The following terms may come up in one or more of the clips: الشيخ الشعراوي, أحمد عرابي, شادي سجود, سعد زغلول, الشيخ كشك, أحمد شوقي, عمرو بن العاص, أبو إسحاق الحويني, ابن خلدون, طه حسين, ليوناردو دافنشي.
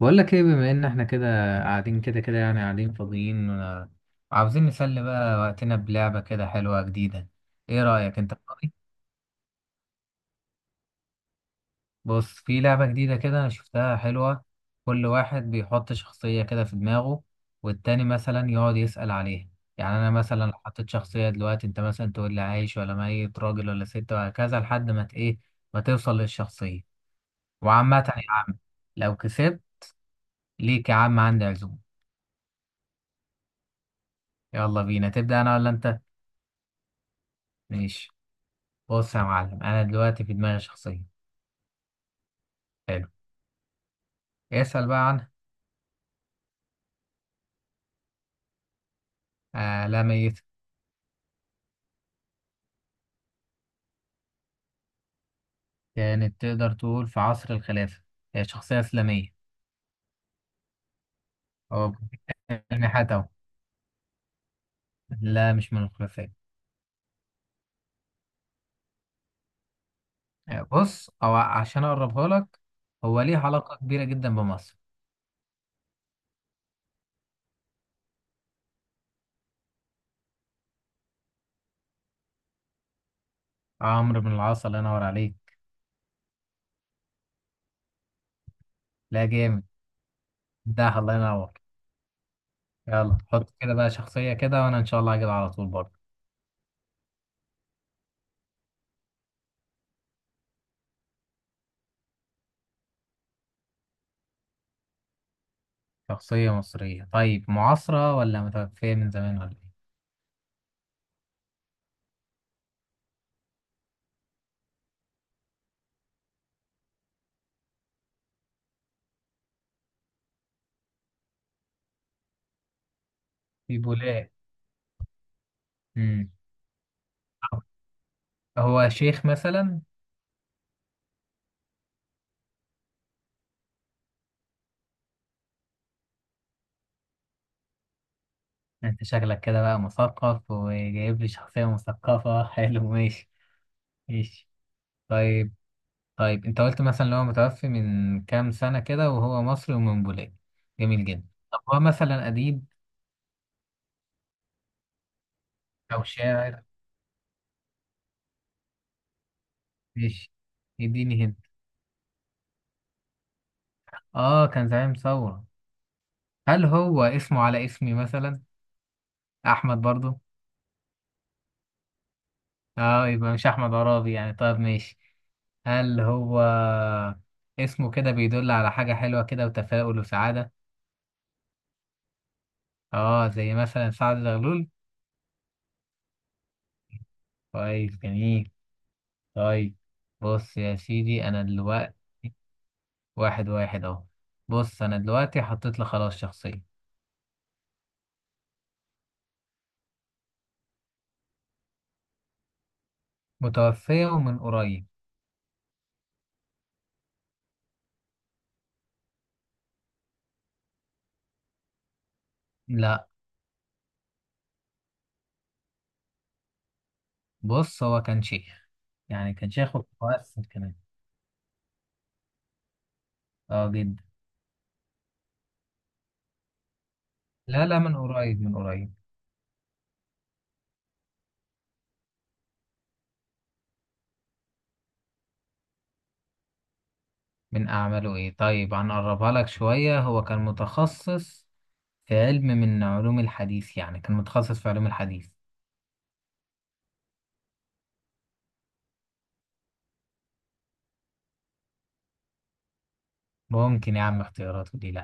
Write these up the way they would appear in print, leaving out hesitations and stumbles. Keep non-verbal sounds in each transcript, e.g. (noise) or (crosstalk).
بقول لك ايه؟ بما ان احنا كده قاعدين كده كده يعني قاعدين فاضيين، وعاوزين نسلي بقى وقتنا بلعبة كده حلوة جديدة. ايه رأيك؟ انت فاضي؟ بص، في لعبة جديدة كده انا شفتها حلوة. كل واحد بيحط شخصية كده في دماغه والتاني مثلا يقعد يسأل عليها. يعني انا مثلا لو حطيت شخصية دلوقتي، انت مثلا تقول لي عايش ولا ميت، راجل ولا ست، وهكذا لحد ما ت- ايه ما توصل للشخصية. وعامة يا عم، لو كسبت ليك يا عم عندي عزومة. يلا بينا، تبدأ انا ولا انت؟ ماشي. بص يا معلم، انا دلوقتي في دماغي شخصيه. حلو، اسال بقى عنها. آه، لا ميت. كانت تقدر تقول في عصر الخلافه، هي شخصيه اسلاميه. هو حتى أهو. لا مش من الخلفاء. بص، او عشان اقربها لك، هو ليه علاقه كبيره جدا بمصر. عمرو بن العاص، الله ينور عليك. لا جامد ده، الله ينور. يلا حط كده بقى شخصيه كده وانا ان شاء الله هجيبها على طول برضه. شخصيه مصريه؟ طيب معاصره ولا متوفيه من زمان ولا ايه؟ في بولاق. امم هو شيخ مثلا؟ انت شكلك كده بقى مثقف وجايب لي شخصية مثقفة (laughs) حلو، ماشي. ماشي. طيب. طيب انت قلت مثلا ان هو متوفي من كام سنة كده وهو مصري ومن بولاد. جميل جدا. طب هو مثلا أديب أو شاعر؟ ماشي، يديني هنا. اه، كان زعيم ثورة. هل هو اسمه على اسمي مثلا، أحمد برضو؟ اه، يبقى مش أحمد عرابي يعني. طيب ماشي. هل هو اسمه كده بيدل على حاجة حلوة كده وتفاؤل وسعادة؟ اه زي مثلا سعد زغلول. كويس، جميل. طيب بص يا سيدي، انا دلوقتي. واحد واحد اهو. بص انا دلوقتي حطيت لك خلاص شخصية. متوفية ومن قريب. لا، بص هو كان شيخ، يعني كان شيخ ومؤثر كمان. اه جدا. لا لا، من قريب من قريب. من اعماله ايه؟ طيب هنقربها لك شوية، هو كان متخصص في علم من علوم الحديث، يعني كان متخصص في علوم الحديث. ممكن يا عم اختياراته دي.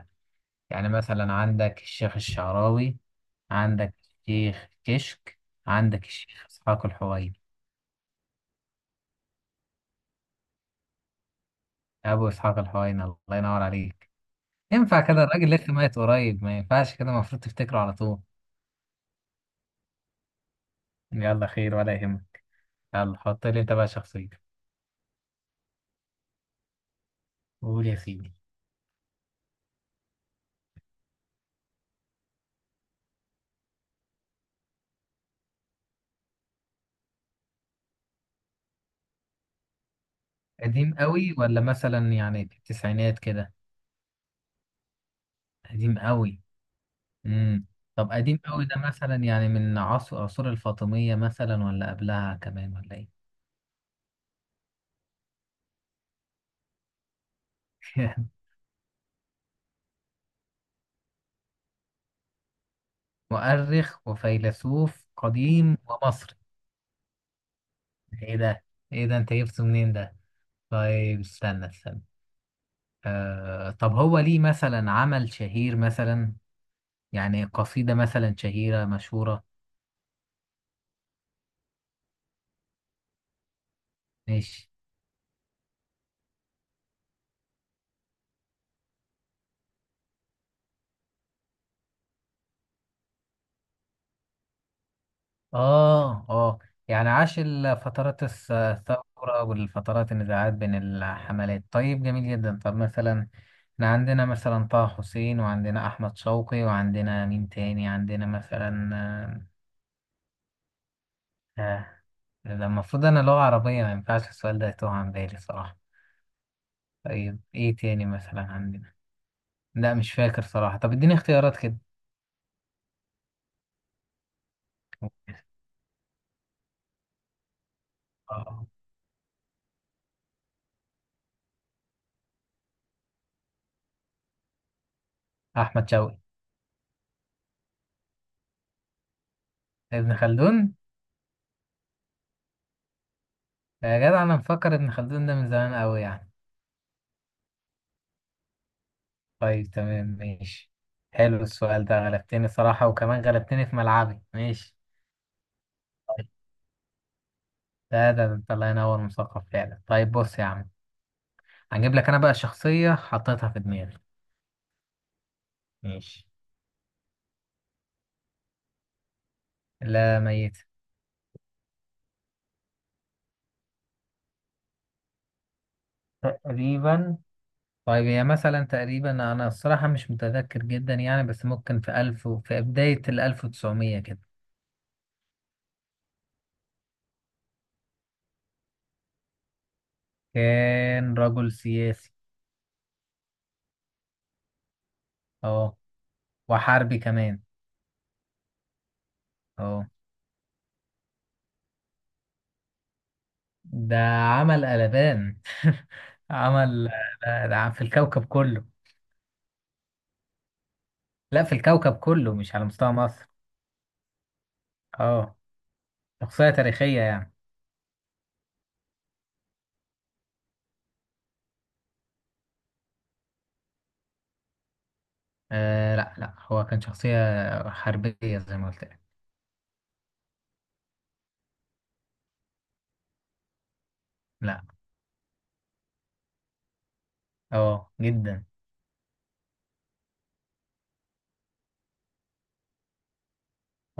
يعني مثلا عندك الشيخ الشعراوي، عندك الشيخ كشك، عندك الشيخ إسحاق الحويني. أبو إسحاق الحويني، الله ينور عليك. ينفع كده؟ الراجل لسه ميت قريب، ما ينفعش كده، المفروض تفتكره على طول. يلا خير ولا يهمك، يلا حط لي أنت بقى شخصية. قول يا سيدي. قديم قوي ولا مثلا يعني في التسعينات كده؟ قديم قوي. امم طب قديم قوي ده مثلا يعني من عصر عصور الفاطمية مثلا ولا قبلها كمان ولا إيه؟ (laughs) مؤرخ وفيلسوف قديم ومصري؟ ايه ده، ايه ده انت جبته منين ده؟ طيب استنى استنى. آه، طب هو ليه مثلا عمل شهير مثلا، يعني قصيدة مثلا شهيرة مشهورة؟ ماشي. اه اه. يعني عاش فترات الثورة والفترات النزاعات بين الحملات. طيب جميل جدا. طب مثلا احنا عندنا مثلا طه حسين، وعندنا احمد شوقي، وعندنا مين تاني عندنا مثلا، آه، آه. ده المفروض أنا لغة عربية، ما ينفعش السؤال ده يتوه عن بالي صراحة. طيب إيه تاني مثلا عندنا؟ لا مش فاكر صراحة. طب إديني اختيارات كده. آه. أحمد شوقي. ابن خلدون. يا جدع، أنا مفكر ابن خلدون ده من زمان أوي يعني. طيب تمام ماشي. حلو السؤال ده، غلبتني صراحة وكمان غلبتني في ملعبي. ماشي. طيب. ده انت الله ينور مثقف فعلا. طيب بص يا عم، هجيب لك انا بقى شخصية حطيتها في دماغي. ماشي. لا ميت. تقريبا. طيب هي مثلا تقريبا أنا الصراحة مش متذكر جدا يعني، بس ممكن في في بداية الألف وتسعمية كده. كان رجل سياسي. اه، وحربي كمان. اه. ده عمل قلبان (laughs) عمل ده في الكوكب كله. لا في الكوكب كله، مش على مستوى مصر. اه، شخصية تاريخية يعني. آه لا لا، هو كان شخصية حربية زي ما قلت لك. لا. اه جدا.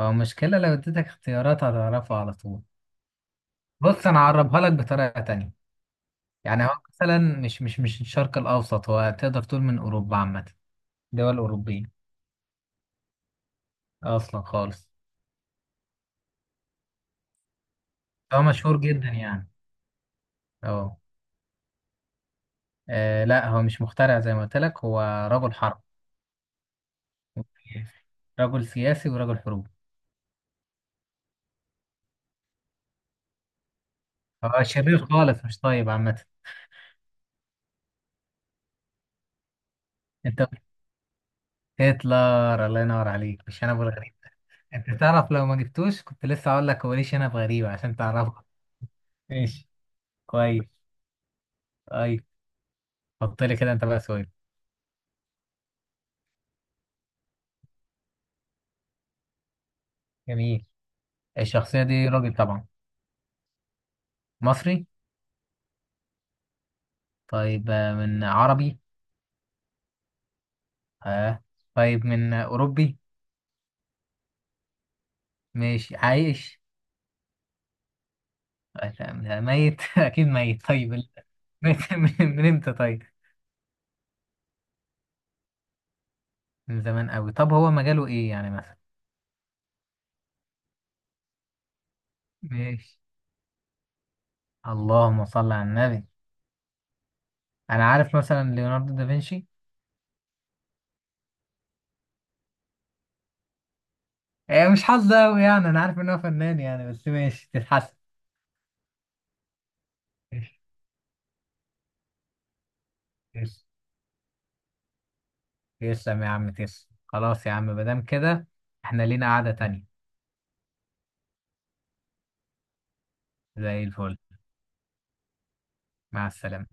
هو مشكلة لو اديتك اختيارات هتعرفه على طول. بص انا اعربها لك بطريقه تانية. يعني هو مثلا مش الشرق الاوسط، هو تقدر تقول من اوروبا عامه. دول اوروبيه اصلا خالص. هو مشهور جدا يعني. اه. آه، لا هو مش مخترع زي ما قلت لك، هو رجل حرب وسياسي. رجل سياسي ورجل حروب. هو شرير خالص، مش طيب عامه. انت قلت هتلر، الله ينور عليك، مش انا ابو الغريب ده. انت تعرف لو ما جبتوش كنت لسه هقول لك هو ليه شنب غريب عشان تعرفه. ماشي. كويس. طيب حط لي كده انت بقى سؤال. جميل. الشخصية دي راجل طبعا. مصري؟ طيب، من عربي؟ آه. طيب من أوروبي؟ مش عايش؟ آه، لا، لا، ميت (laughs) أكيد ميت. طيب (laughs) ميت من إمتى طيب؟ من زمان أوي؟ طب هو مجاله إيه يعني مثلا؟ ماشي. اللهم صل على النبي. أنا عارف مثلا ليوناردو دافنشي. آه، مش حظ أوي يعني. أنا عارف إن هو فنان يعني، بس ماشي، تتحسن. ماشي، ماشي. تسلم يا عم، تسلم. خلاص يا عم مادام كده، إحنا لينا قعدة تانية. زي الفل. مع السلامة.